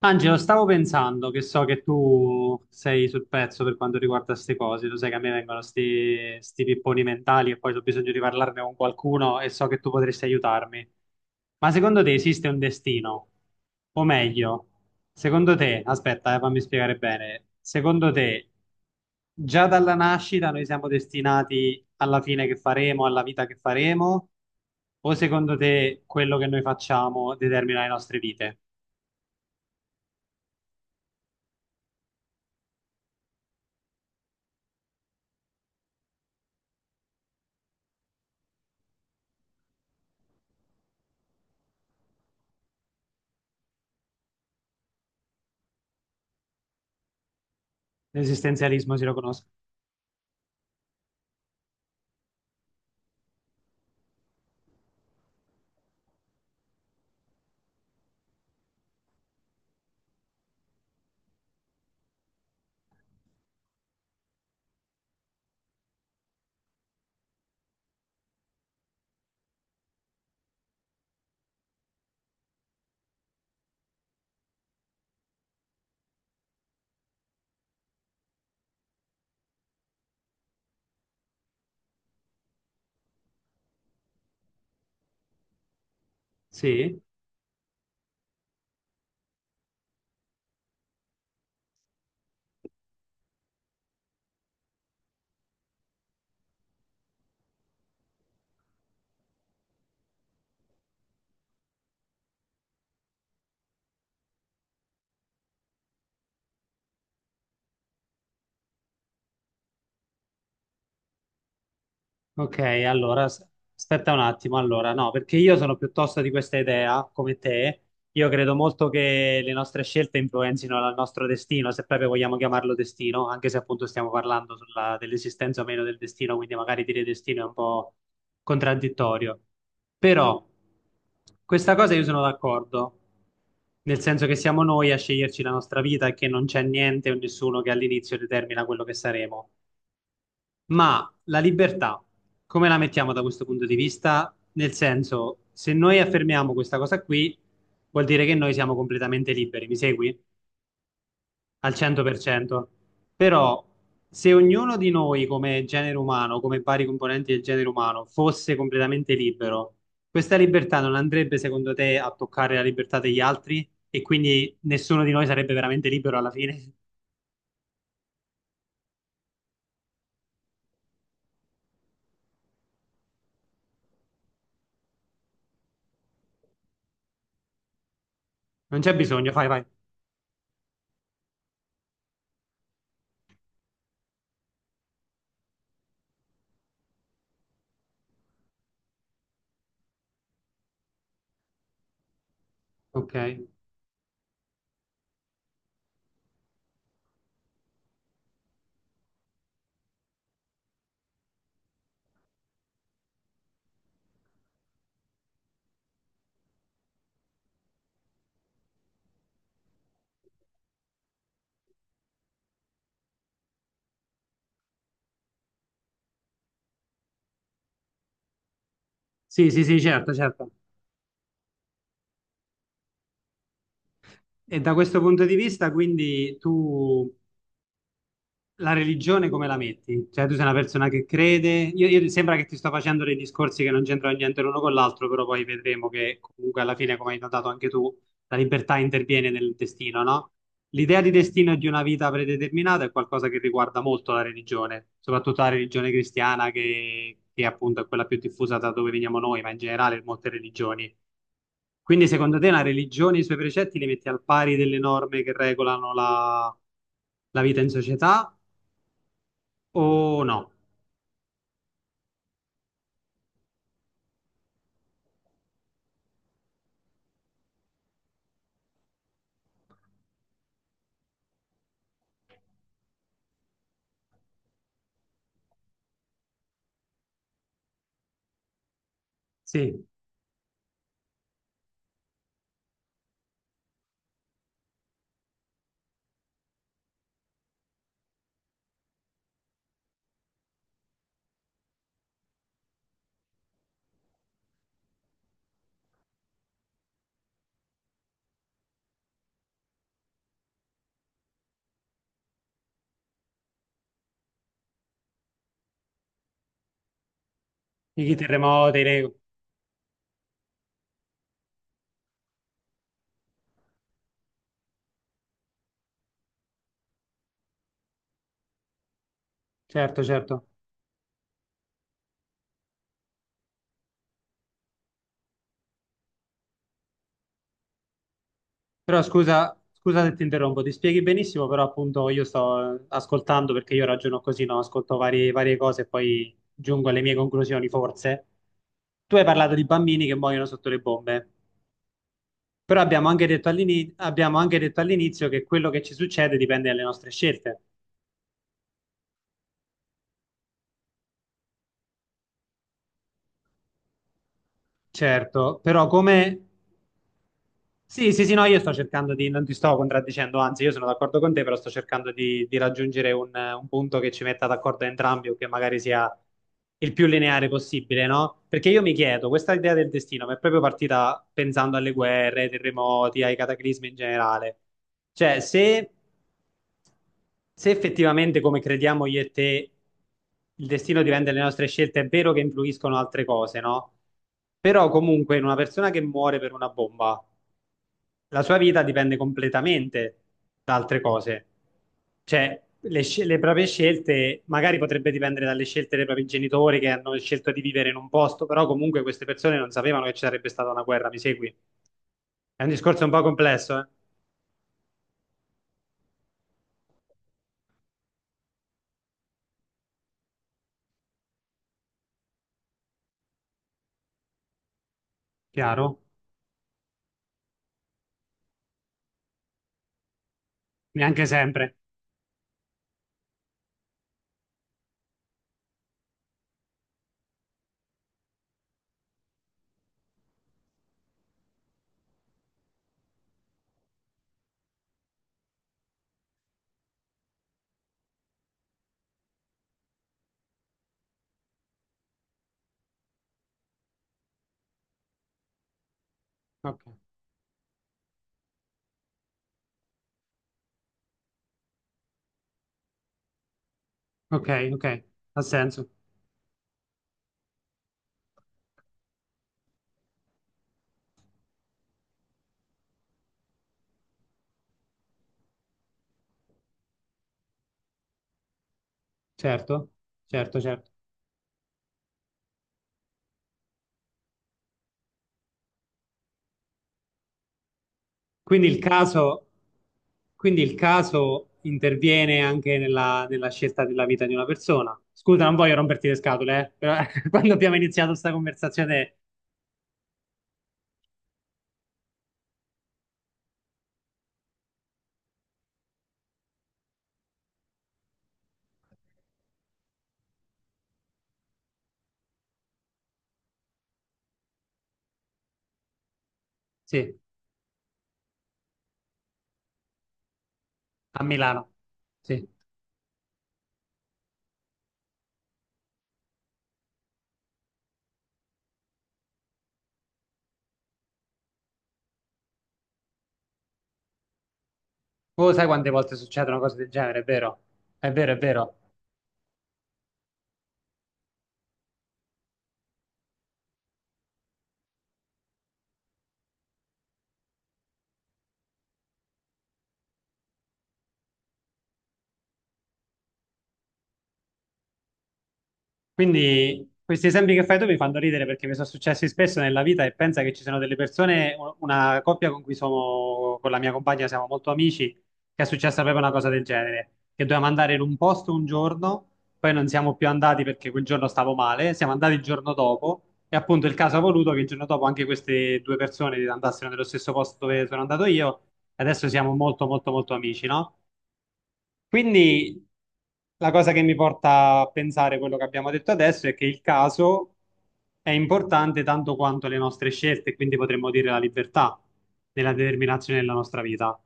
Angelo, stavo pensando che so che tu sei sul pezzo per quanto riguarda queste cose, tu sai che a me vengono sti pipponi mentali e poi ho bisogno di parlarne con qualcuno e so che tu potresti aiutarmi. Ma secondo te esiste un destino? O meglio, secondo te, aspetta, fammi spiegare bene, secondo te già dalla nascita noi siamo destinati alla fine che faremo, alla vita che faremo? O secondo te quello che noi facciamo determina le nostre vite? L'esistenzialismo si lo conosco. Sì, ok, allora aspetta un attimo, allora no, perché io sono piuttosto di questa idea, come te, io credo molto che le nostre scelte influenzino il nostro destino, se proprio vogliamo chiamarlo destino, anche se appunto stiamo parlando dell'esistenza o meno del destino, quindi magari dire destino è un po' contraddittorio. Però questa cosa io sono d'accordo, nel senso che siamo noi a sceglierci la nostra vita e che non c'è niente o nessuno che all'inizio determina quello che saremo. Ma la libertà, come la mettiamo da questo punto di vista? Nel senso, se noi affermiamo questa cosa qui, vuol dire che noi siamo completamente liberi, mi segui? Al 100%. Però, se ognuno di noi come genere umano, come vari componenti del genere umano, fosse completamente libero, questa libertà non andrebbe, secondo te, a toccare la libertà degli altri? E quindi nessuno di noi sarebbe veramente libero alla fine? Non c'è bisogno, fai, vai. Ok. Sì, sì, sì, certo, certo. E da questo punto di vista, quindi tu la religione come la metti? Cioè, tu sei una persona che crede. Io, sembra che ti sto facendo dei discorsi che non c'entrano niente l'uno con l'altro, però poi vedremo che comunque alla fine, come hai notato anche tu, la libertà interviene nel destino, no? L'idea di destino e di una vita predeterminata è qualcosa che riguarda molto la religione, soprattutto la religione cristiana, che appunto è quella più diffusa da dove veniamo noi, ma in generale molte religioni. Quindi, secondo te, la religione e i suoi precetti li metti al pari delle norme che regolano la vita in società? Oh no, sì, i terremoti, le- certo, certo. Però scusa, scusa se ti interrompo, ti spieghi benissimo, però appunto io sto ascoltando perché io ragiono così, no? Ascolto varie cose e poi giungo alle mie conclusioni, forse. Tu hai parlato di bambini che muoiono sotto le bombe, però abbiamo anche detto all'inizio che quello che ci succede dipende dalle nostre scelte. Certo, però come sì, sì, sì, no, io sto cercando di, non ti sto contraddicendo, anzi, io sono d'accordo con te, però sto cercando di raggiungere un punto che ci metta d'accordo entrambi o che magari sia il più lineare possibile, no? Perché io mi chiedo, questa idea del destino mi è proprio partita pensando alle guerre, ai terremoti, ai cataclismi in generale. Cioè, se effettivamente, come crediamo io e te, il destino dipende dalle nostre scelte, è vero che influiscono altre cose, no? Però comunque in una persona che muore per una bomba la sua vita dipende completamente da altre cose. Cioè, le proprie scelte magari potrebbe dipendere dalle scelte dei propri genitori che hanno scelto di vivere in un posto, però comunque queste persone non sapevano che ci sarebbe stata una guerra, mi segui? È un discorso un po' complesso, eh? Chiaro? Neanche sempre. Ok, ok. Ha senso. Certo, certo. Quindi il caso, quindi il caso interviene anche nella, nella scelta della vita di una persona. Scusa, non voglio romperti le scatole, però quando abbiamo iniziato questa conversazione, sì, a Milano, sì. Oh, sai quante volte succede una cosa del genere, è vero? È vero, è vero. Quindi questi esempi che fai tu mi fanno ridere perché mi sono successi spesso nella vita e pensa che ci sono delle persone, una coppia con cui sono, con la mia compagna siamo molto amici, che è successa proprio una cosa del genere, che dovevamo andare in un posto un giorno, poi non siamo più andati perché quel giorno stavo male, siamo andati il giorno dopo e appunto il caso ha voluto che il giorno dopo anche queste due persone andassero nello stesso posto dove sono andato io e adesso siamo molto molto molto amici, no? Quindi la cosa che mi porta a pensare quello che abbiamo detto adesso è che il caso è importante tanto quanto le nostre scelte, quindi potremmo dire la libertà nella determinazione della nostra vita.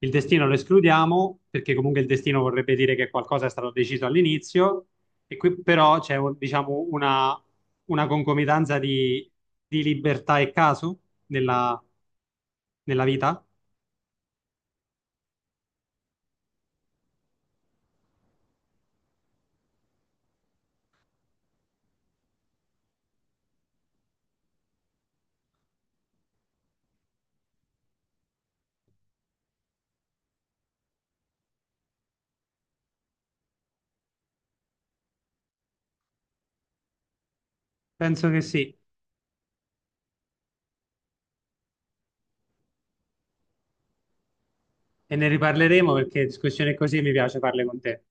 Il destino lo escludiamo perché comunque il destino vorrebbe dire che qualcosa è stato deciso all'inizio e qui però c'è diciamo una concomitanza di libertà e caso nella, nella vita? Penso che sì. E ne riparleremo perché discussioni così mi piace farle con te.